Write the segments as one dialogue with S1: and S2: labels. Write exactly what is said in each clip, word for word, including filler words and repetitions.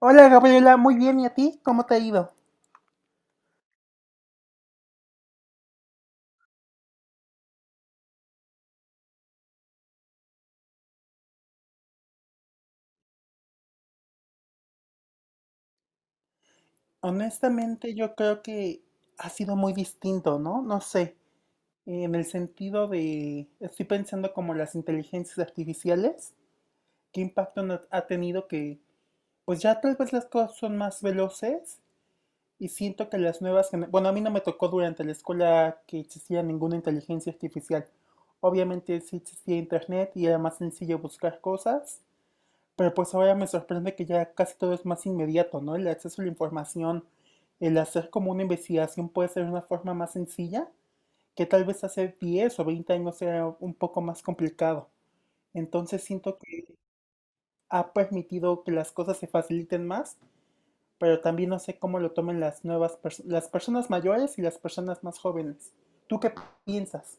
S1: Hola Gabriela, muy bien, ¿y a ti? ¿Cómo te ha ido? Honestamente, yo creo que ha sido muy distinto, ¿no? No sé, en el sentido de, estoy pensando como las inteligencias artificiales, qué impacto no- ha tenido que, pues ya tal vez las cosas son más veloces y siento que las nuevas, gener- bueno, a mí no me tocó durante la escuela que existía ninguna inteligencia artificial. Obviamente sí existía internet y era más sencillo buscar cosas. Pero pues ahora me sorprende que ya casi todo es más inmediato, ¿no? El acceso a la información, el hacer como una investigación puede ser una forma más sencilla, que tal vez hace diez o veinte años era un poco más complicado. Entonces siento que ha permitido que las cosas se faciliten más, pero también no sé cómo lo tomen las nuevas pers- las personas mayores y las personas más jóvenes. ¿Tú qué piensas?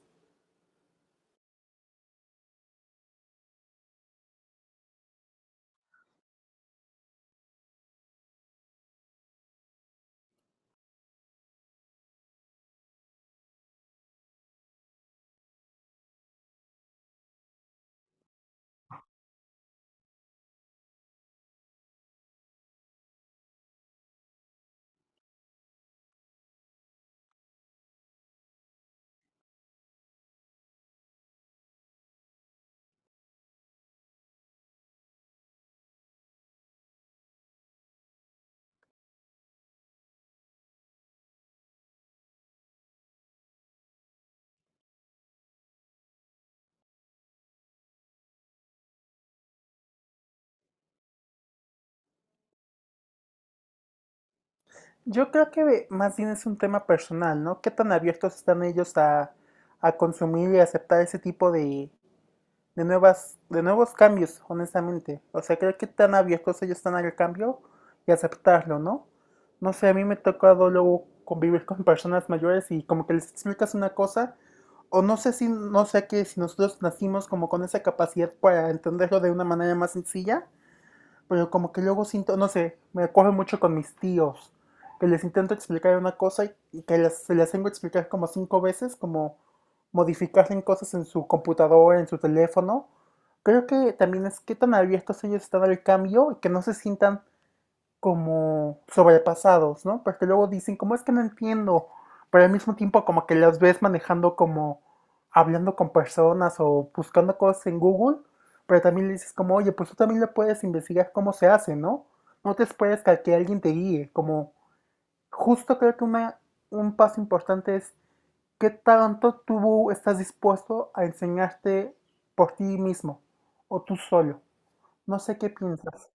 S1: Yo creo que más bien es un tema personal, ¿no? ¿Qué tan abiertos están ellos a, a consumir y aceptar ese tipo de de nuevas, de nuevos cambios, honestamente. O sea, creo que tan abiertos ellos están al cambio y aceptarlo, ¿no? No sé, a mí me ha tocado luego convivir con personas mayores y como que les explicas una cosa, o no sé si, no sé que si nosotros nacimos como con esa capacidad para entenderlo de una manera más sencilla, pero como que luego siento, no sé, me coge mucho con mis tíos, que les intento explicar una cosa y, y que les- se las tengo que explicar como cinco veces, como modificar en cosas en su computadora, en su teléfono. Creo que también es que tan abiertos ellos están al cambio y que no se sientan como sobrepasados, ¿no? Porque luego dicen, como es que no entiendo, pero al mismo tiempo como que las ves manejando como hablando con personas o buscando cosas en Google, pero también le dices como, oye, pues tú también le puedes investigar cómo se hace, ¿no? No te esperes que, a que alguien te guíe, como justo creo que una, un paso importante es qué tanto tú estás dispuesto a enseñarte por ti mismo o tú solo. No sé qué piensas.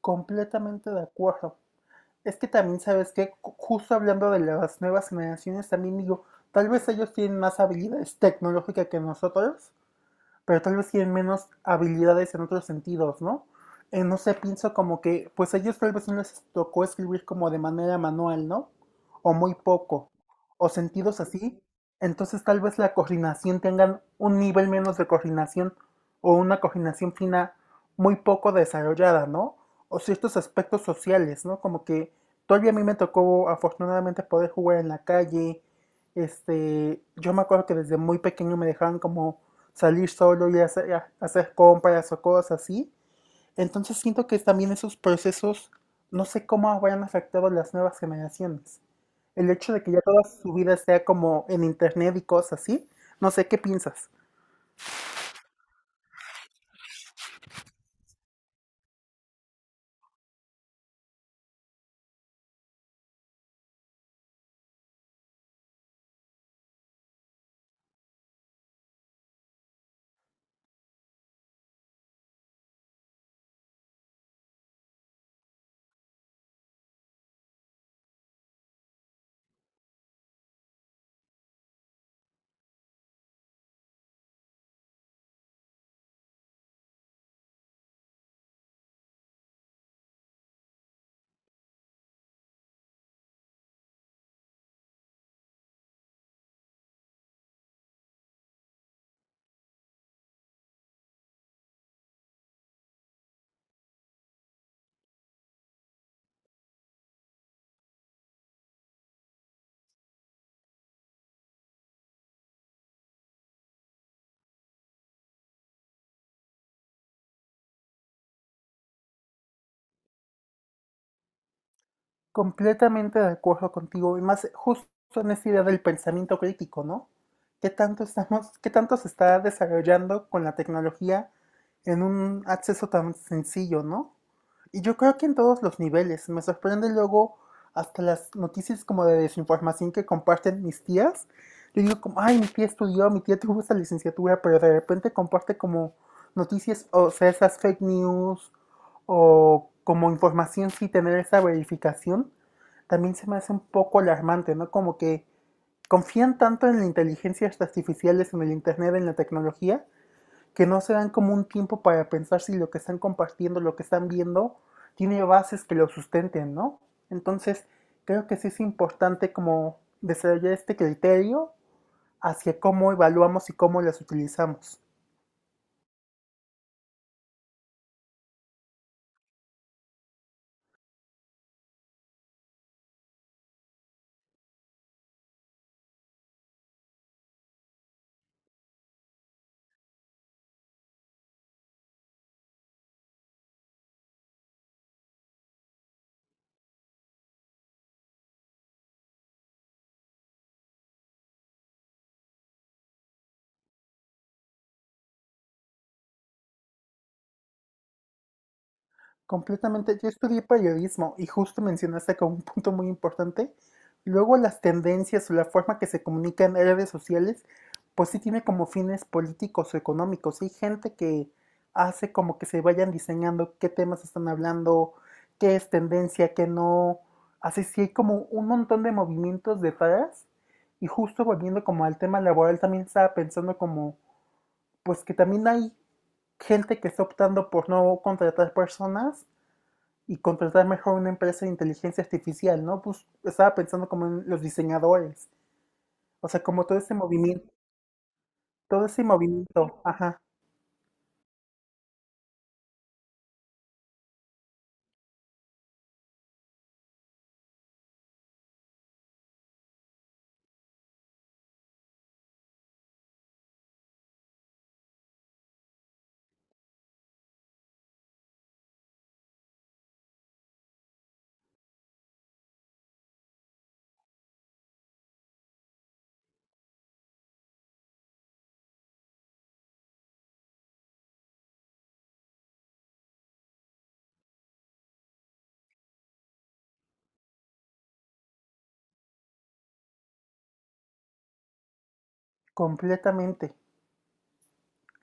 S1: Completamente de acuerdo. Es que también, ¿sabes? Que Justo hablando de las nuevas generaciones, también digo, tal vez ellos tienen más habilidades tecnológicas que nosotros, pero tal vez tienen menos habilidades en otros sentidos, ¿no? Eh, no sé, pienso como que, pues a ellos tal vez no les tocó escribir como de manera manual, ¿no? O muy poco, o sentidos así. Entonces tal vez la coordinación tengan un nivel menos de coordinación o una coordinación fina muy poco desarrollada, ¿no? O ciertos aspectos sociales, ¿no? Como que todavía a mí me tocó afortunadamente poder jugar en la calle. Este, yo me acuerdo que desde muy pequeño me dejaban como salir solo y hacer, hacer compras o cosas así. Entonces siento que también esos procesos, no sé cómo habrán afectado a las nuevas generaciones. El hecho de que ya toda su vida sea como en internet y cosas así, no sé qué piensas. Completamente de acuerdo contigo, y más justo en esa idea del pensamiento crítico, ¿no? ¿Qué tanto estamos, qué tanto se está desarrollando con la tecnología en un acceso tan sencillo, ¿no? Y yo creo que en todos los niveles. Me sorprende luego hasta las noticias como de desinformación que comparten mis tías. Yo digo como, ay, mi tía estudió, mi tía tuvo esa licenciatura, pero de repente comparte como noticias, o sea, esas fake news o como información sí tener esa verificación, también se me hace un poco alarmante, ¿no? Como que confían tanto en las inteligencias artificiales, en el Internet, en la tecnología, que no se dan como un tiempo para pensar si lo que están compartiendo, lo que están viendo, tiene bases que lo sustenten, ¿no? Entonces, creo que sí es importante como desarrollar este criterio hacia cómo evaluamos y cómo las utilizamos. Completamente. Yo estudié periodismo y justo mencionaste como un punto muy importante. Luego las tendencias o la forma que se comunica en redes sociales, pues sí tiene como fines políticos o económicos. Hay gente que hace como que se vayan diseñando qué temas están hablando, qué es tendencia, qué no. Así sí hay como un montón de movimientos detrás. Y justo volviendo como al tema laboral, también estaba pensando como, pues que también hay gente que está optando por no contratar personas y contratar mejor una empresa de inteligencia artificial, ¿no? Pues estaba pensando como en los diseñadores, o sea, como todo ese movimiento, todo ese movimiento, ajá, completamente,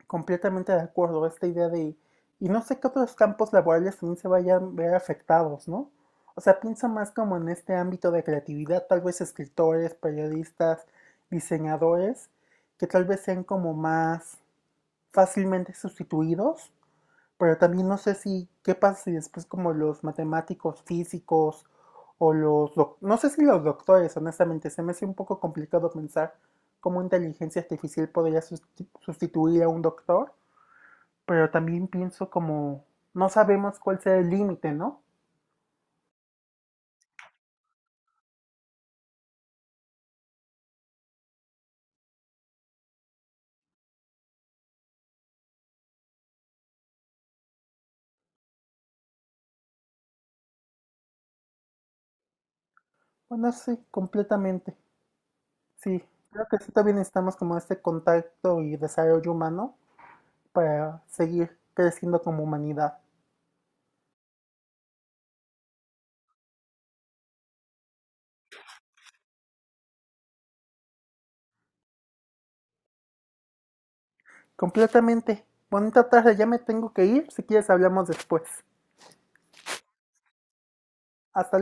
S1: completamente de acuerdo, esta idea de, y no sé qué otros campos laborales también se vayan a ver afectados, ¿no? O sea, pienso más como en este ámbito de creatividad, tal vez escritores, periodistas, diseñadores, que tal vez sean como más fácilmente sustituidos. Pero también no sé si, ¿qué pasa si después como los matemáticos, físicos o los, doc- no sé si los doctores, honestamente, se me hace un poco complicado pensar cómo inteligencia artificial podría susti- sustituir a un doctor, pero también pienso como, no sabemos cuál será el límite, ¿no? Bueno, sí, completamente. Sí, creo que sí también necesitamos como este contacto y desarrollo humano para seguir creciendo como humanidad. Completamente. Bonita tarde, ya me tengo que ir. Si quieres hablamos después. Hasta luego.